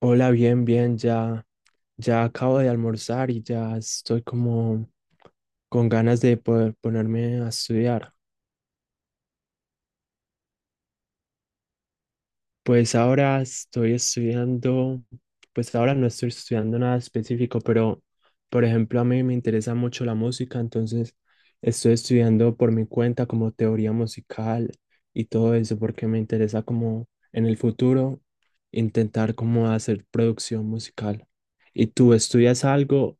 Hola, bien, bien, ya, ya acabo de almorzar y ya estoy como con ganas de poder ponerme a estudiar. Pues ahora estoy estudiando, pues ahora no estoy estudiando nada específico, pero por ejemplo a mí me interesa mucho la música, entonces estoy estudiando por mi cuenta como teoría musical y todo eso porque me interesa como en el futuro intentar como hacer producción musical. ¿Y tú estudias algo?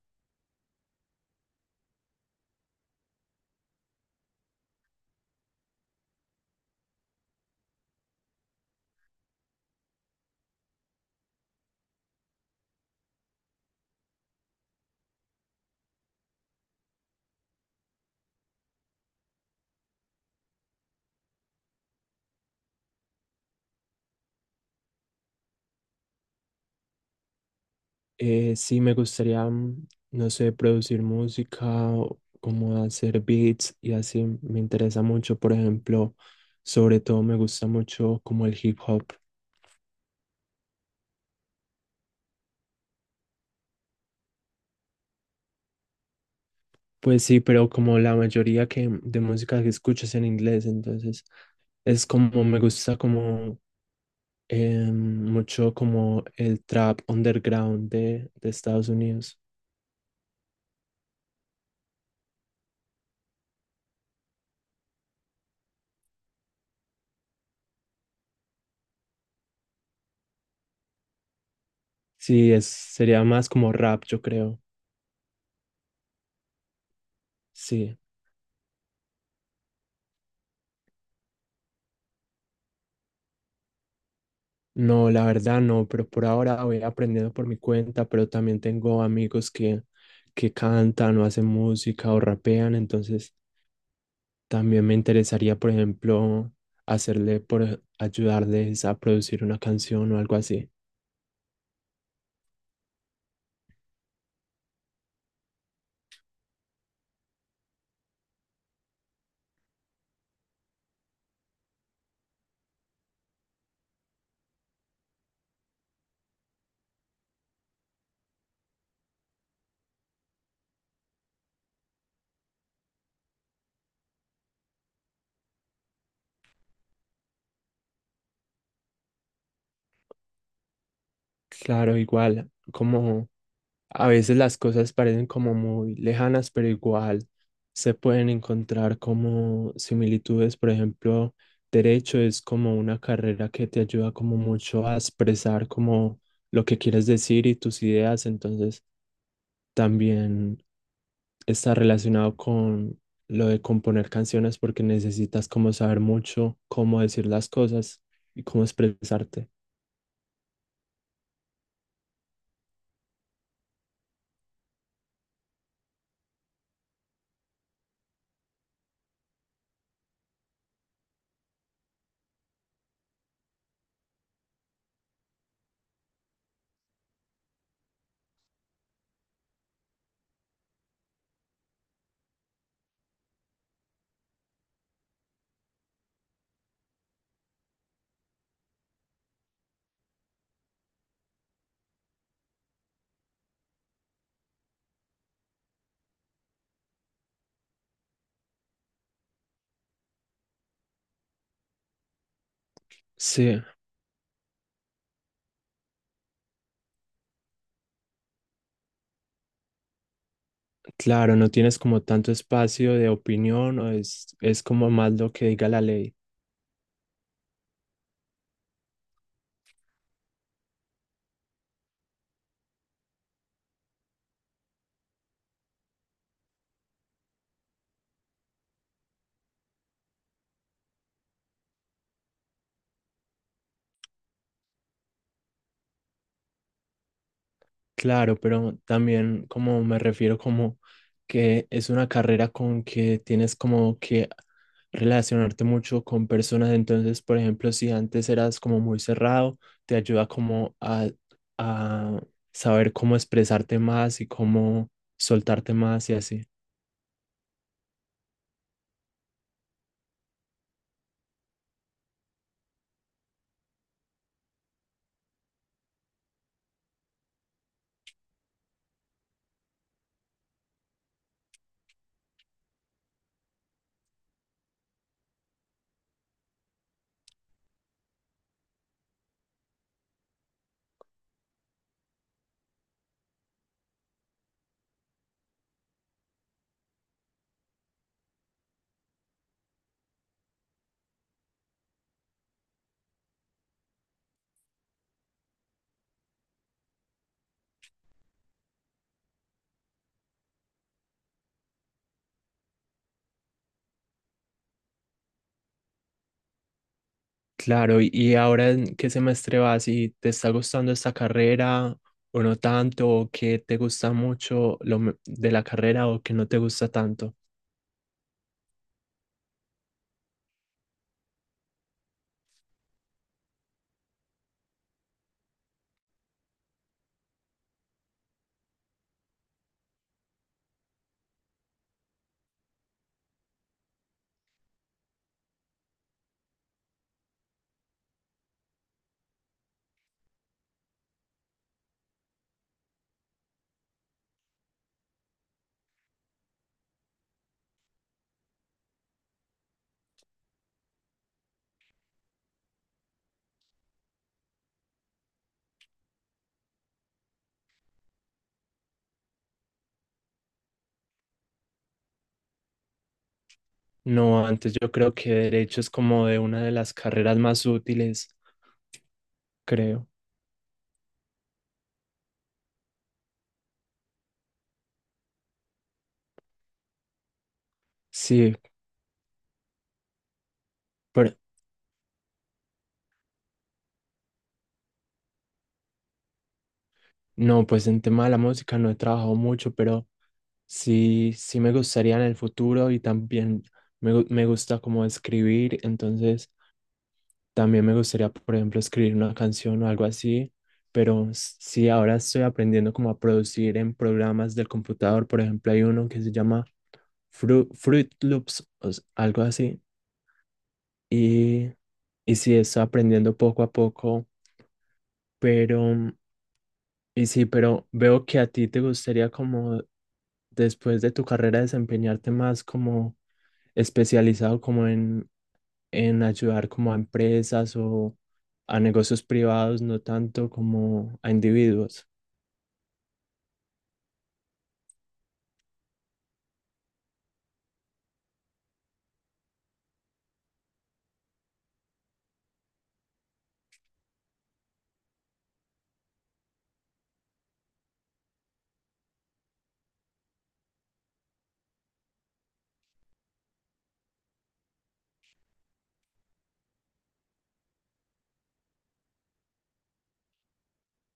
Sí, me gustaría, no sé, producir música, o como hacer beats y así. Me interesa mucho, por ejemplo, sobre todo me gusta mucho como el hip hop. Pues sí, pero como la mayoría de música que escucho es en inglés, entonces es como me gusta como mucho como el trap underground de Estados Unidos. Sí, es, sería más como rap, yo creo. Sí. No, la verdad no, pero por ahora voy aprendiendo por mi cuenta, pero también tengo amigos que cantan o hacen música o rapean, entonces también me interesaría, por ejemplo, hacerle por ayudarles a producir una canción o algo así. Claro, igual, como a veces las cosas parecen como muy lejanas, pero igual se pueden encontrar como similitudes. Por ejemplo, derecho es como una carrera que te ayuda como mucho a expresar como lo que quieres decir y tus ideas. Entonces, también está relacionado con lo de componer canciones porque necesitas como saber mucho cómo decir las cosas y cómo expresarte. Sí. Claro, no tienes como tanto espacio de opinión o es como más lo que diga la ley. Claro, pero también como me refiero como que es una carrera con que tienes como que relacionarte mucho con personas. Entonces, por ejemplo, si antes eras como muy cerrado, te ayuda como a saber cómo expresarte más y cómo soltarte más y así. Claro, y ahora ¿en qué semestre vas? ¿Y te está gustando esta carrera o no tanto? ¿O qué te gusta mucho de la carrera o qué no te gusta tanto? No, antes yo creo que derecho es como de una de las carreras más útiles, creo. Sí, pero no, pues en tema de la música no he trabajado mucho, pero sí, sí me gustaría en el futuro y también me gusta como escribir, entonces también me gustaría, por ejemplo, escribir una canción o algo así, pero sí, ahora estoy aprendiendo como a producir en programas del computador. Por ejemplo, hay uno que se llama Fruit Loops o algo así. Y, y sí, estoy aprendiendo poco a poco, pero, y sí, pero veo que a ti te gustaría como después de tu carrera desempeñarte más como especializado como en ayudar como a empresas o a negocios privados, no tanto como a individuos.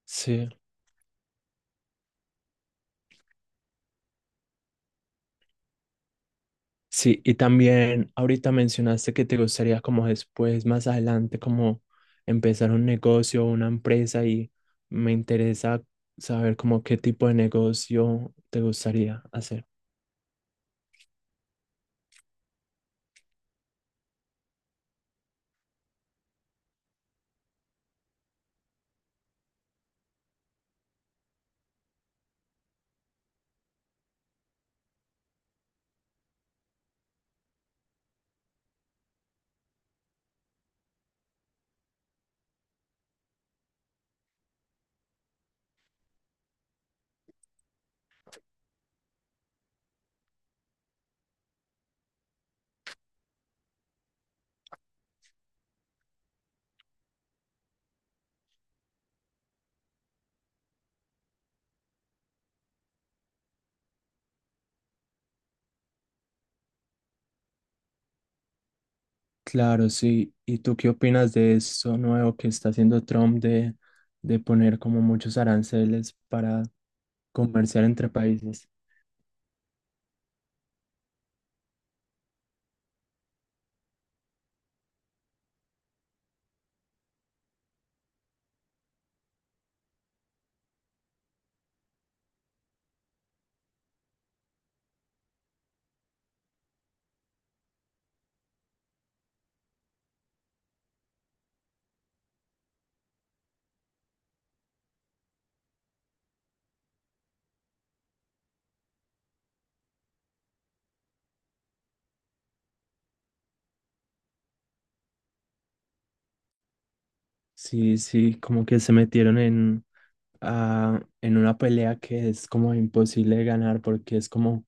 Sí, sí, y también ahorita mencionaste que te gustaría como después, más adelante, como empezar un negocio o una empresa y me interesa saber como qué tipo de negocio te gustaría hacer. Claro, sí. ¿Y tú qué opinas de eso nuevo que está haciendo Trump de poner como muchos aranceles para comerciar entre países? Sí, sí, como que se metieron en, ah, en una pelea que es como imposible de ganar porque es como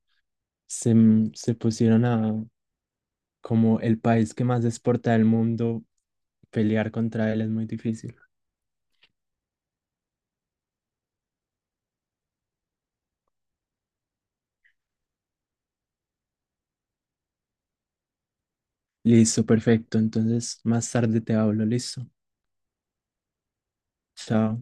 se, se pusieron a como el país que más exporta del mundo, pelear contra él es muy difícil. Listo, perfecto. Entonces, más tarde te hablo, listo. Chao.